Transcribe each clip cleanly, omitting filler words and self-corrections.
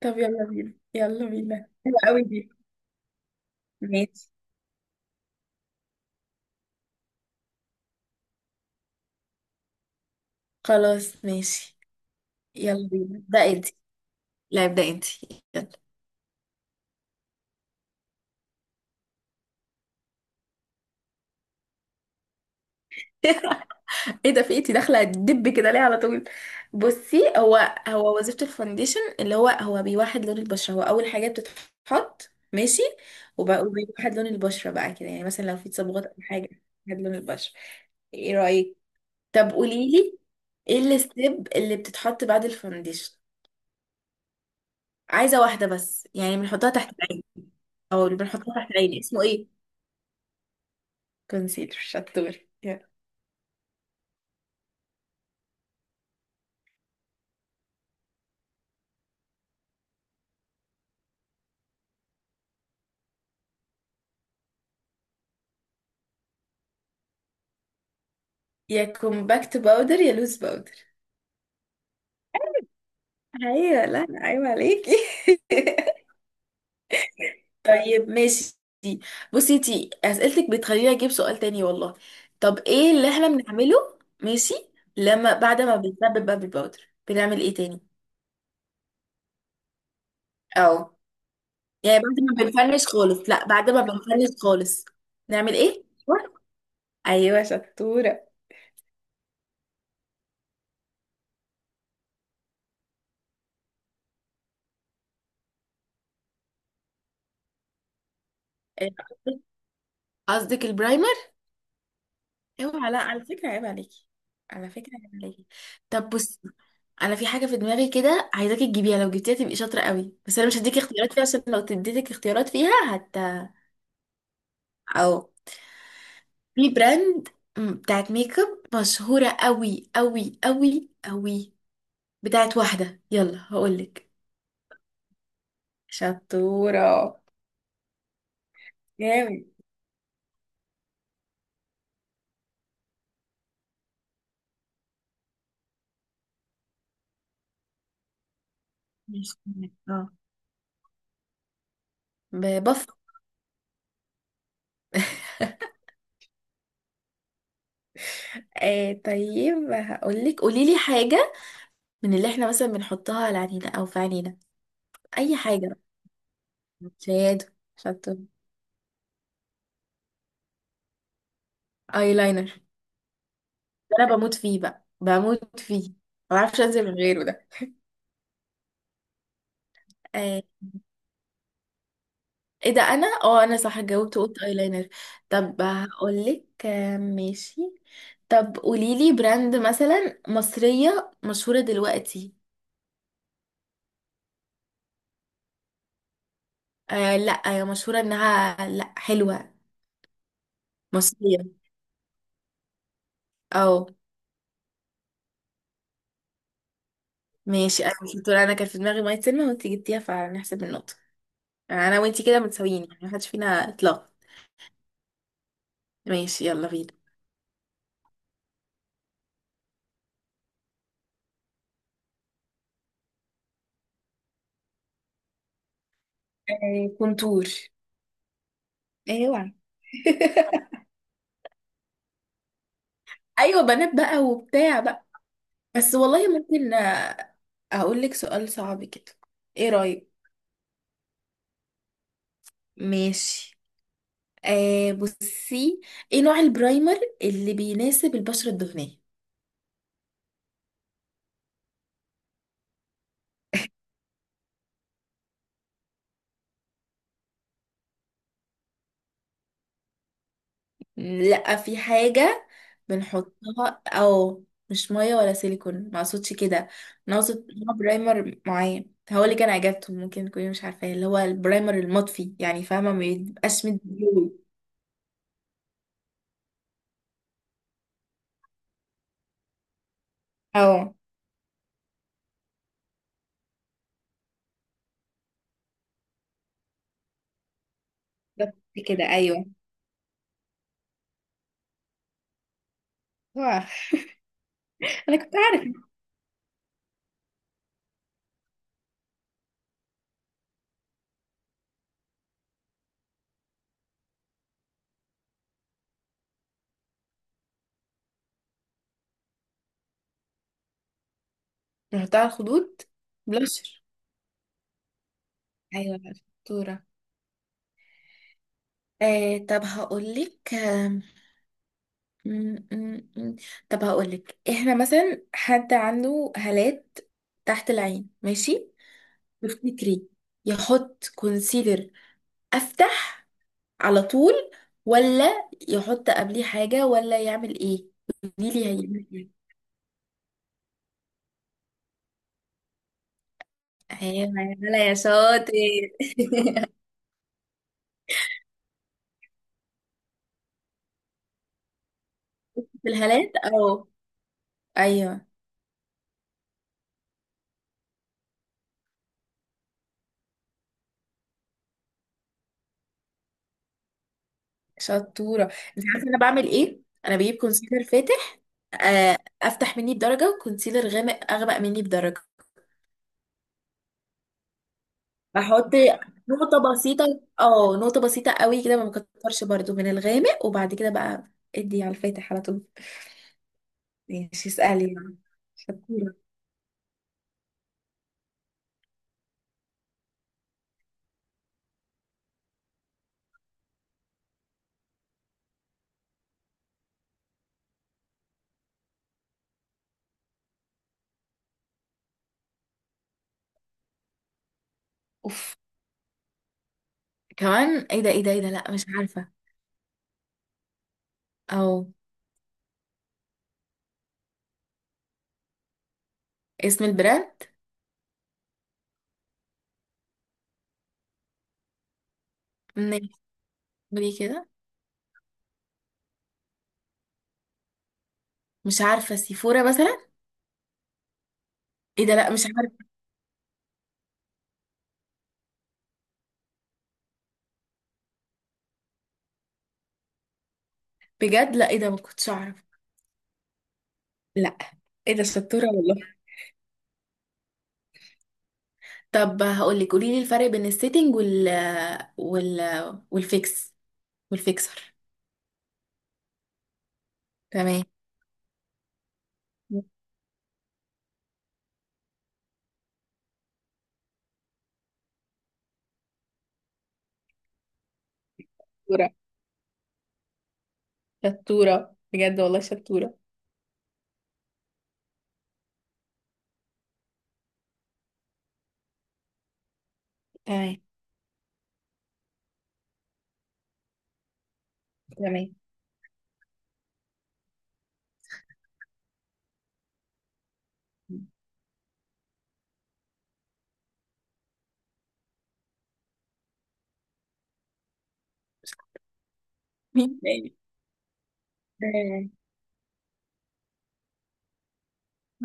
طب يلا بينا يلا بينا، حلوة قوي دي. ماشي. خلاص ماشي، يلا بينا. ده انت؟ لا ابدأ انت. يلا. ايه ده؟ في ايتي داخله دب كده ليه على طول؟ بصي، هو وظيفه الفاونديشن اللي هو بيوحد لون البشره، هو اول حاجه بتتحط ماشي. وب- وبيوحد لون البشره بقى كده، يعني مثلا لو في تصبغات او حاجه بيوحد لون البشره. ايه رايك؟ طب قولي لي، ايه الستيب اللي بتتحط بعد الفاونديشن؟ عايزه واحده بس يعني بنحطها تحت. او اللي بنحطها تحت العين اسمه ايه؟ كونسيلر، شطور يا. يا كومباكت باودر يا لوز باودر. ايوه، لا، ايوه عليكي. طيب ماشي. بصي انتي اسئلتك بتخليني اجيب سؤال تاني والله. طب ايه اللي احنا بنعمله ماشي؟ لما بعد ما بنسبب بابل باودر بنعمل ايه تاني؟ او يعني بعد ما بنفنش خالص، لا بعد ما بنفنش خالص نعمل ايه؟ ايوه شطورة. إيه قصدك؟ قصدك البرايمر؟ اوعى، لا على فكرة عيب عليكي، على فكرة عيب عليكي. طب بصي، انا في حاجة في دماغي كده عايزاكي تجيبيها، لو جبتيها تبقي شاطرة قوي، بس انا مش هديكي اختيارات فيها عشان لو اديتك اختيارات فيها هت. او في براند، بتاعت ميك اب مشهورة قوي قوي قوي قوي، بتاعت واحدة. يلا هقولك. شطورة. جامد، مش منك. اه، ببف. آه طيب هقولك، قوليلي حاجة من اللي احنا مثلا بنحطها على عينينا او في عينينا؟ اي حاجة. سيادة شطة. ايلاينر، ده انا بموت فيه بقى، بموت فيه، ما بعرفش انزل من غيره ده. آه. ايه ده؟ انا انا صح جاوبت، قلت ايلاينر. طب هقول لك. ماشي. طب قولي لي براند مثلا مصرية مشهورة دلوقتي. آه لا، هي مشهورة انها لا حلوة. مصرية، اه. ماشي، انا مش بتقول، انا كان في دماغي مية سلمى وانت جبتيها فهنحسب النقطة. انا وانت كده متساويين، يعني محدش فينا اطلاق. ماشي يلا بينا. كونتور. ايوه. ايوه بنات بقى وبتاع بقى. بس والله ممكن، اقول لك سؤال صعب كده. ايه رايك؟ ماشي. بصي، ايه نوع البرايمر اللي بيناسب البشره الدهنيه؟ لا في حاجه بنحطها او، مش ميه ولا سيليكون، ما اقصدش كده. انا اقصد نوع برايمر معين، هقول لك انا اجابته، ممكن تكوني مش عارفاه، اللي هو البرايمر المطفي، يعني فاهمه ما بيبقاش مدي. اه بالظبط كده. ايوه. انا كنت عارف. رحت على الخدود؟ بلاشر. ايوه بقى، شطوره. آه طب هقولك، م- م- م. طب هقولك، احنا مثلا حد عنده هالات تحت العين ماشي، تفتكري يحط كونسيلر افتح على طول، ولا يحط قبليه حاجه، ولا يعمل ايه؟ قولي لي هيعمل ايه. ايوه يا هلا يا شاطر. في الهالات اه. ايوه شطورة. انت عارفة انا بعمل ايه؟ انا بجيب كونسيلر فاتح افتح مني بدرجة، وكونسيلر غامق اغمق مني بدرجة. بحط نقطة بسيطة، اه نقطة بسيطة قوي كده، ما بكترش برضو من الغامق، وبعد كده بقى ادي على الفاتح على طول. ماشي اسألي. شطورة. اوف. كمان؟ ايه ده، لا مش عارفة. او اسم البراند. ماشي قولي كده. مش عارفة، سيفورا مثلا؟ ايه ده لا مش عارفة بجد، لا ايه ده، ما كنتش اعرف. لا ايه ده شطورة والله. طب هقولك، قوليلي الفرق بين السيتنج وال والفيكس والفيكسر. تمام. شطورة، شطورة بجد والله، شطورة. تمام. تمام. مين تاني؟ آه،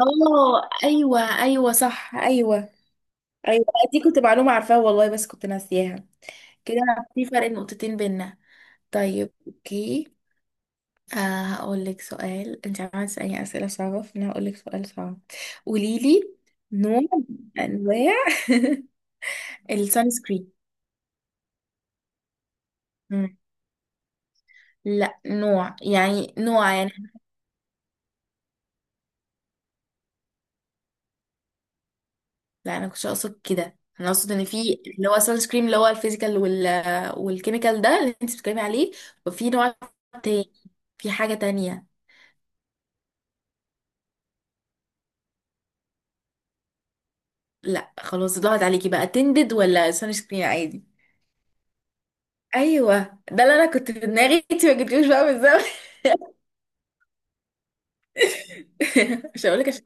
اه ايوه ايوه صح ايوه. ايوه، دي كنت معلومة عارفاها والله، بس كنت ناسياها كده. في فرق نقطتين بينا. طيب اوكي. آه، هقول لك سؤال، انت عملت تسألني اسئله صعبه فانا هقول لك سؤال صعب. قولي لي نوع من انواع السان سكرين. مم. لا نوع يعني، نوع يعني. لا انا كنتش اقصد كده، انا اقصد ان في اللي هو سان سكرين اللي هو الفيزيكال وال والكيميكال ده اللي انت بتتكلمي عليه، وفي نوع تاني، في حاجة تانية. لا خلاص ضاعت عليكي بقى، تندد ولا سان سكرين عادي. ايوه، ده اللي انا كنت في دماغي. انت ما جبتيهوش بقى بالظبط. مش هقول لك عشان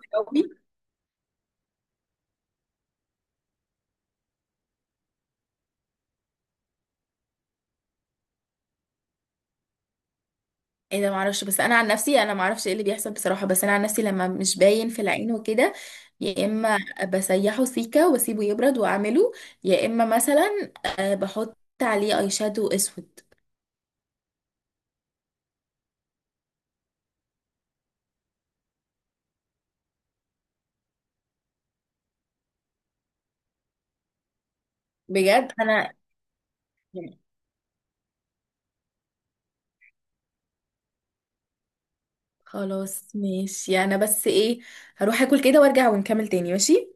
ايه ده. معرفش، بس انا عن نفسي انا معرفش ايه اللي بيحصل بصراحه، بس انا عن نفسي لما مش باين في العين وكده، يا اما بسيحه سيكه واسيبه يبرد واعمله، يا اما مثلا بحط عليه اي شادو اسود. بجد انا يعني، خلاص ماشي انا بس ايه، هروح اكل كده وارجع ونكمل تاني ماشي.